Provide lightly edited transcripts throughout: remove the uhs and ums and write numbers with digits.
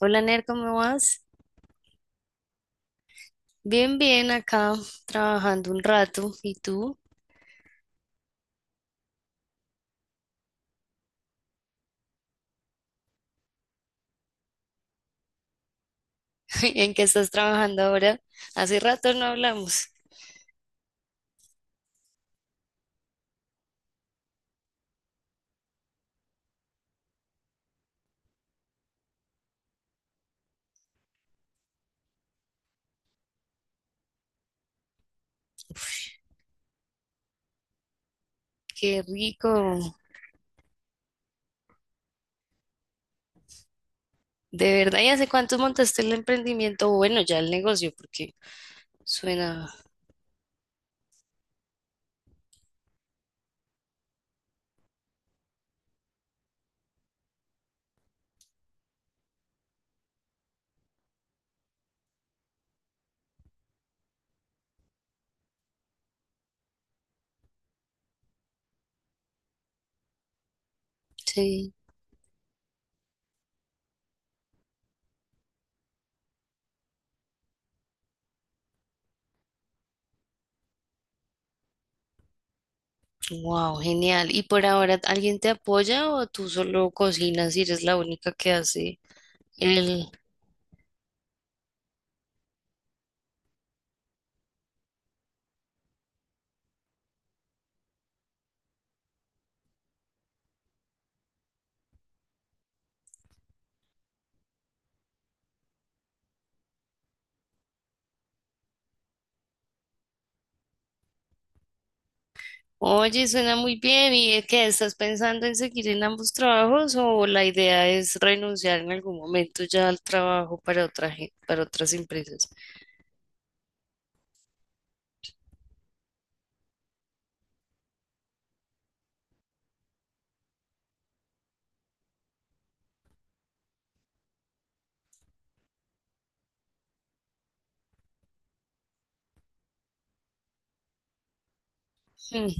Hola Ner, ¿cómo vas? Bien, bien, acá trabajando un rato. ¿Y tú? ¿En qué estás trabajando ahora? Hace rato no hablamos. Qué rico. De verdad, ¿y hace cuánto montaste el emprendimiento? Bueno, ya el negocio, porque suena. Sí. Wow, genial. ¿Y por ahora alguien te apoya o tú solo cocinas y eres la única que hace el, oye, suena muy bien? ¿Y es que estás pensando en seguir en ambos trabajos o la idea es renunciar en algún momento ya al trabajo para otra, para otras empresas? Hmm.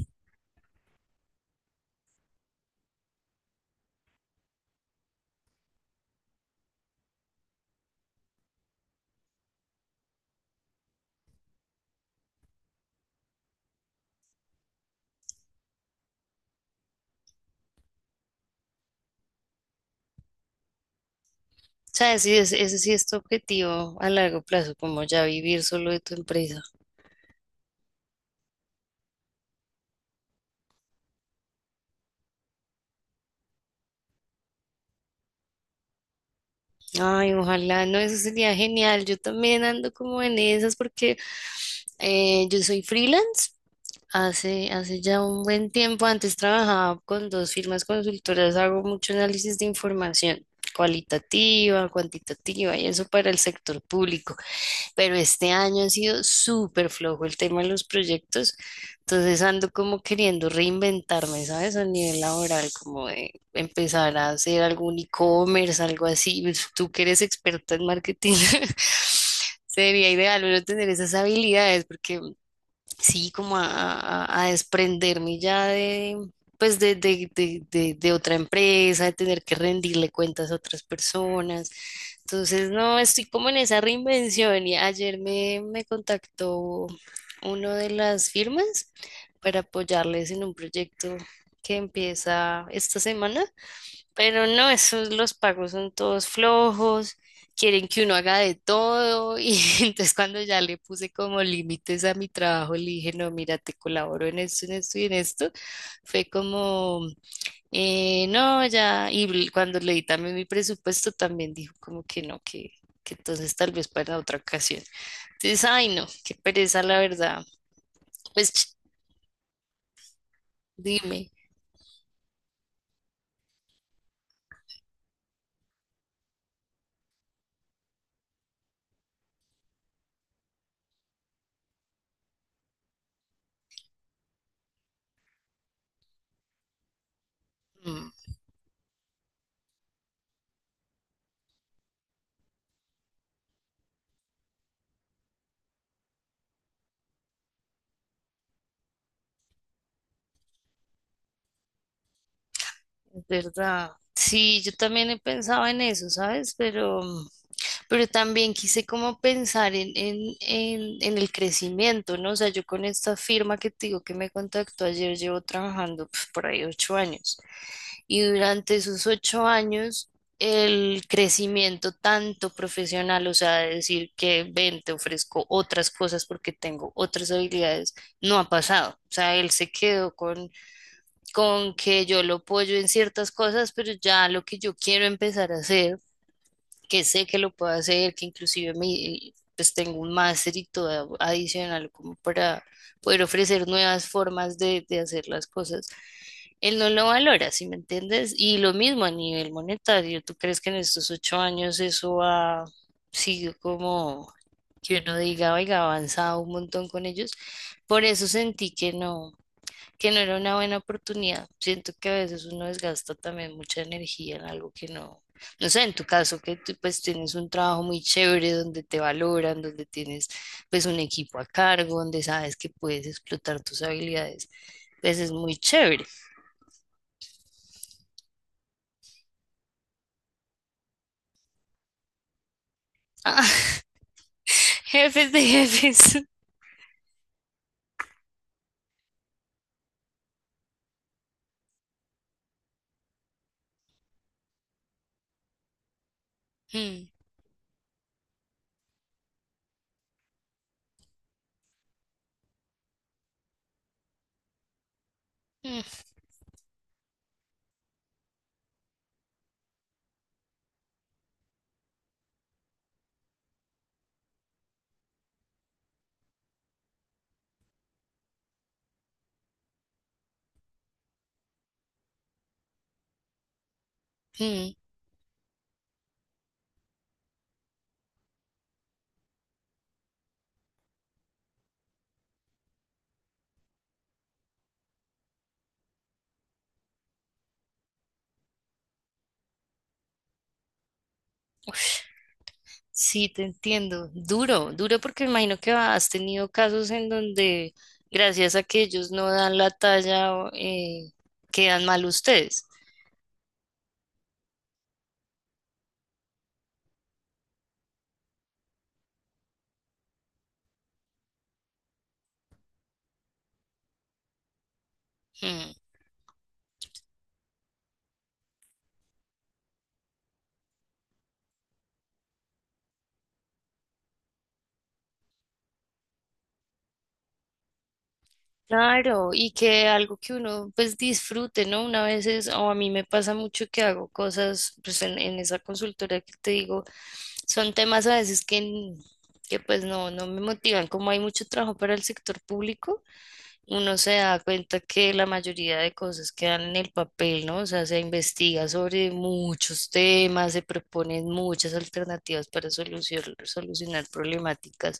¿Sabes? Sí, ese sí es tu objetivo a largo plazo, como ya vivir solo de tu empresa. Ay, ojalá, no, eso sería genial. Yo también ando como en esas porque yo soy freelance. Hace ya un buen tiempo, antes trabajaba con dos firmas consultoras, hago mucho análisis de información cualitativa, cuantitativa y eso para el sector público, pero este año ha sido súper flojo el tema de los proyectos, entonces ando como queriendo reinventarme, ¿sabes? A nivel laboral, como de empezar a hacer algún e-commerce, algo así. Pues, tú que eres experta en marketing. Sería ideal uno tener esas habilidades porque sí, a desprenderme ya de, pues de otra empresa, de tener que rendirle cuentas a otras personas. Entonces, no, estoy como en esa reinvención y ayer me contactó uno de las firmas para apoyarles en un proyecto que empieza esta semana. Pero no, esos los pagos son todos flojos, quieren que uno haga de todo, y entonces cuando ya le puse como límites a mi trabajo, le dije, no, mira, te colaboro en esto y en esto. Fue como, no, ya, y cuando leí también mi presupuesto también dijo como que no, que entonces tal vez para otra ocasión. Entonces, ay, no, qué pereza, la verdad. Pues dime. Mm, es verdad. Sí, yo también he pensado en eso, ¿sabes? Pero también quise como pensar en el crecimiento, ¿no? O sea, yo con esta firma que te digo que me contactó ayer, llevo trabajando pues, por ahí 8 años. Y durante esos 8 años, el crecimiento tanto profesional, o sea, de decir que ven, te ofrezco otras cosas porque tengo otras habilidades, no ha pasado. O sea, él se quedó con que yo lo apoyo en ciertas cosas, pero ya lo que yo quiero empezar a hacer, que sé que lo puedo hacer, que inclusive me, pues tengo un máster y todo adicional como para poder ofrecer nuevas formas de hacer las cosas. Él no lo valora, ¿sí me entiendes? Y lo mismo a nivel monetario, ¿tú crees que en estos 8 años eso ha sido como que uno diga, oiga, ha avanzado un montón con ellos? Por eso sentí que no, que no era una buena oportunidad. Siento que a veces uno desgasta también mucha energía en algo que no, no sé, en tu caso que tú pues tienes un trabajo muy chévere donde te valoran, donde tienes pues un equipo a cargo, donde sabes que puedes explotar tus habilidades, pues es muy chévere. Ah, jefes de jefes. Mm, mm, mm. Sí, te entiendo. Duro, duro porque me imagino que has tenido casos en donde gracias a que ellos no dan la talla o, quedan mal ustedes. Mm. Claro, y que algo que uno pues disfrute, ¿no? Una vez es, o a mí me pasa mucho que hago cosas pues en esa consultora que te digo, son temas a veces que pues no, no me motivan, como hay mucho trabajo para el sector público. Uno se da cuenta que la mayoría de cosas quedan en el papel, ¿no? O sea, se investiga sobre muchos temas, se proponen muchas alternativas para solucionar problemáticas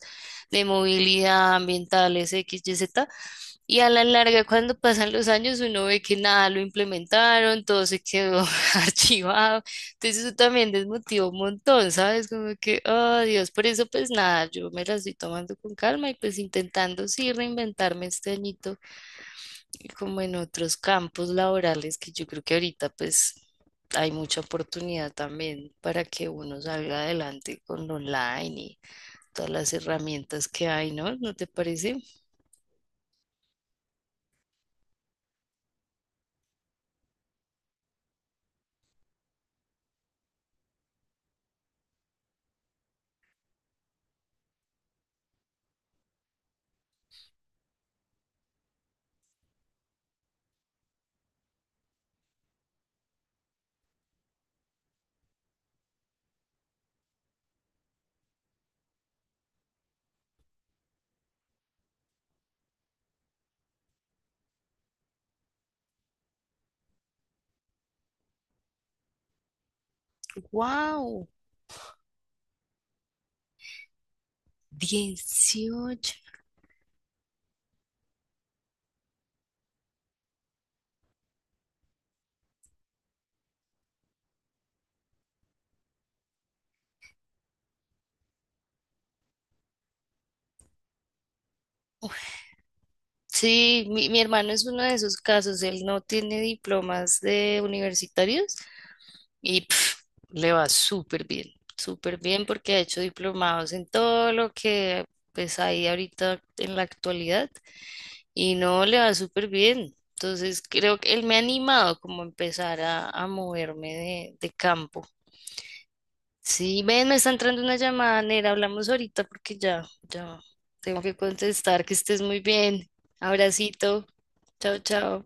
de movilidad, ambientales, X, Y, Z. Y a la larga, cuando pasan los años, uno ve que nada lo implementaron, todo se quedó archivado. Entonces eso también desmotivó un montón, ¿sabes? Como que, oh Dios, por eso pues nada, yo me la estoy tomando con calma y pues intentando sí reinventarme este añito y como en otros campos laborales que yo creo que ahorita pues hay mucha oportunidad también para que uno salga adelante con lo online y todas las herramientas que hay, ¿no? ¿No te parece? ¡Wow! 18. Sí, mi hermano es uno de esos casos, él no tiene diplomas de universitarios y pf, le va súper bien porque ha hecho diplomados en todo lo que pues hay ahorita en la actualidad y no le va súper bien. Entonces creo que él me ha animado como a empezar a moverme de campo. Sí, ven, me está entrando una llamada, Nera, hablamos ahorita porque ya tengo que contestar, que estés muy bien. Abracito, chao, chao.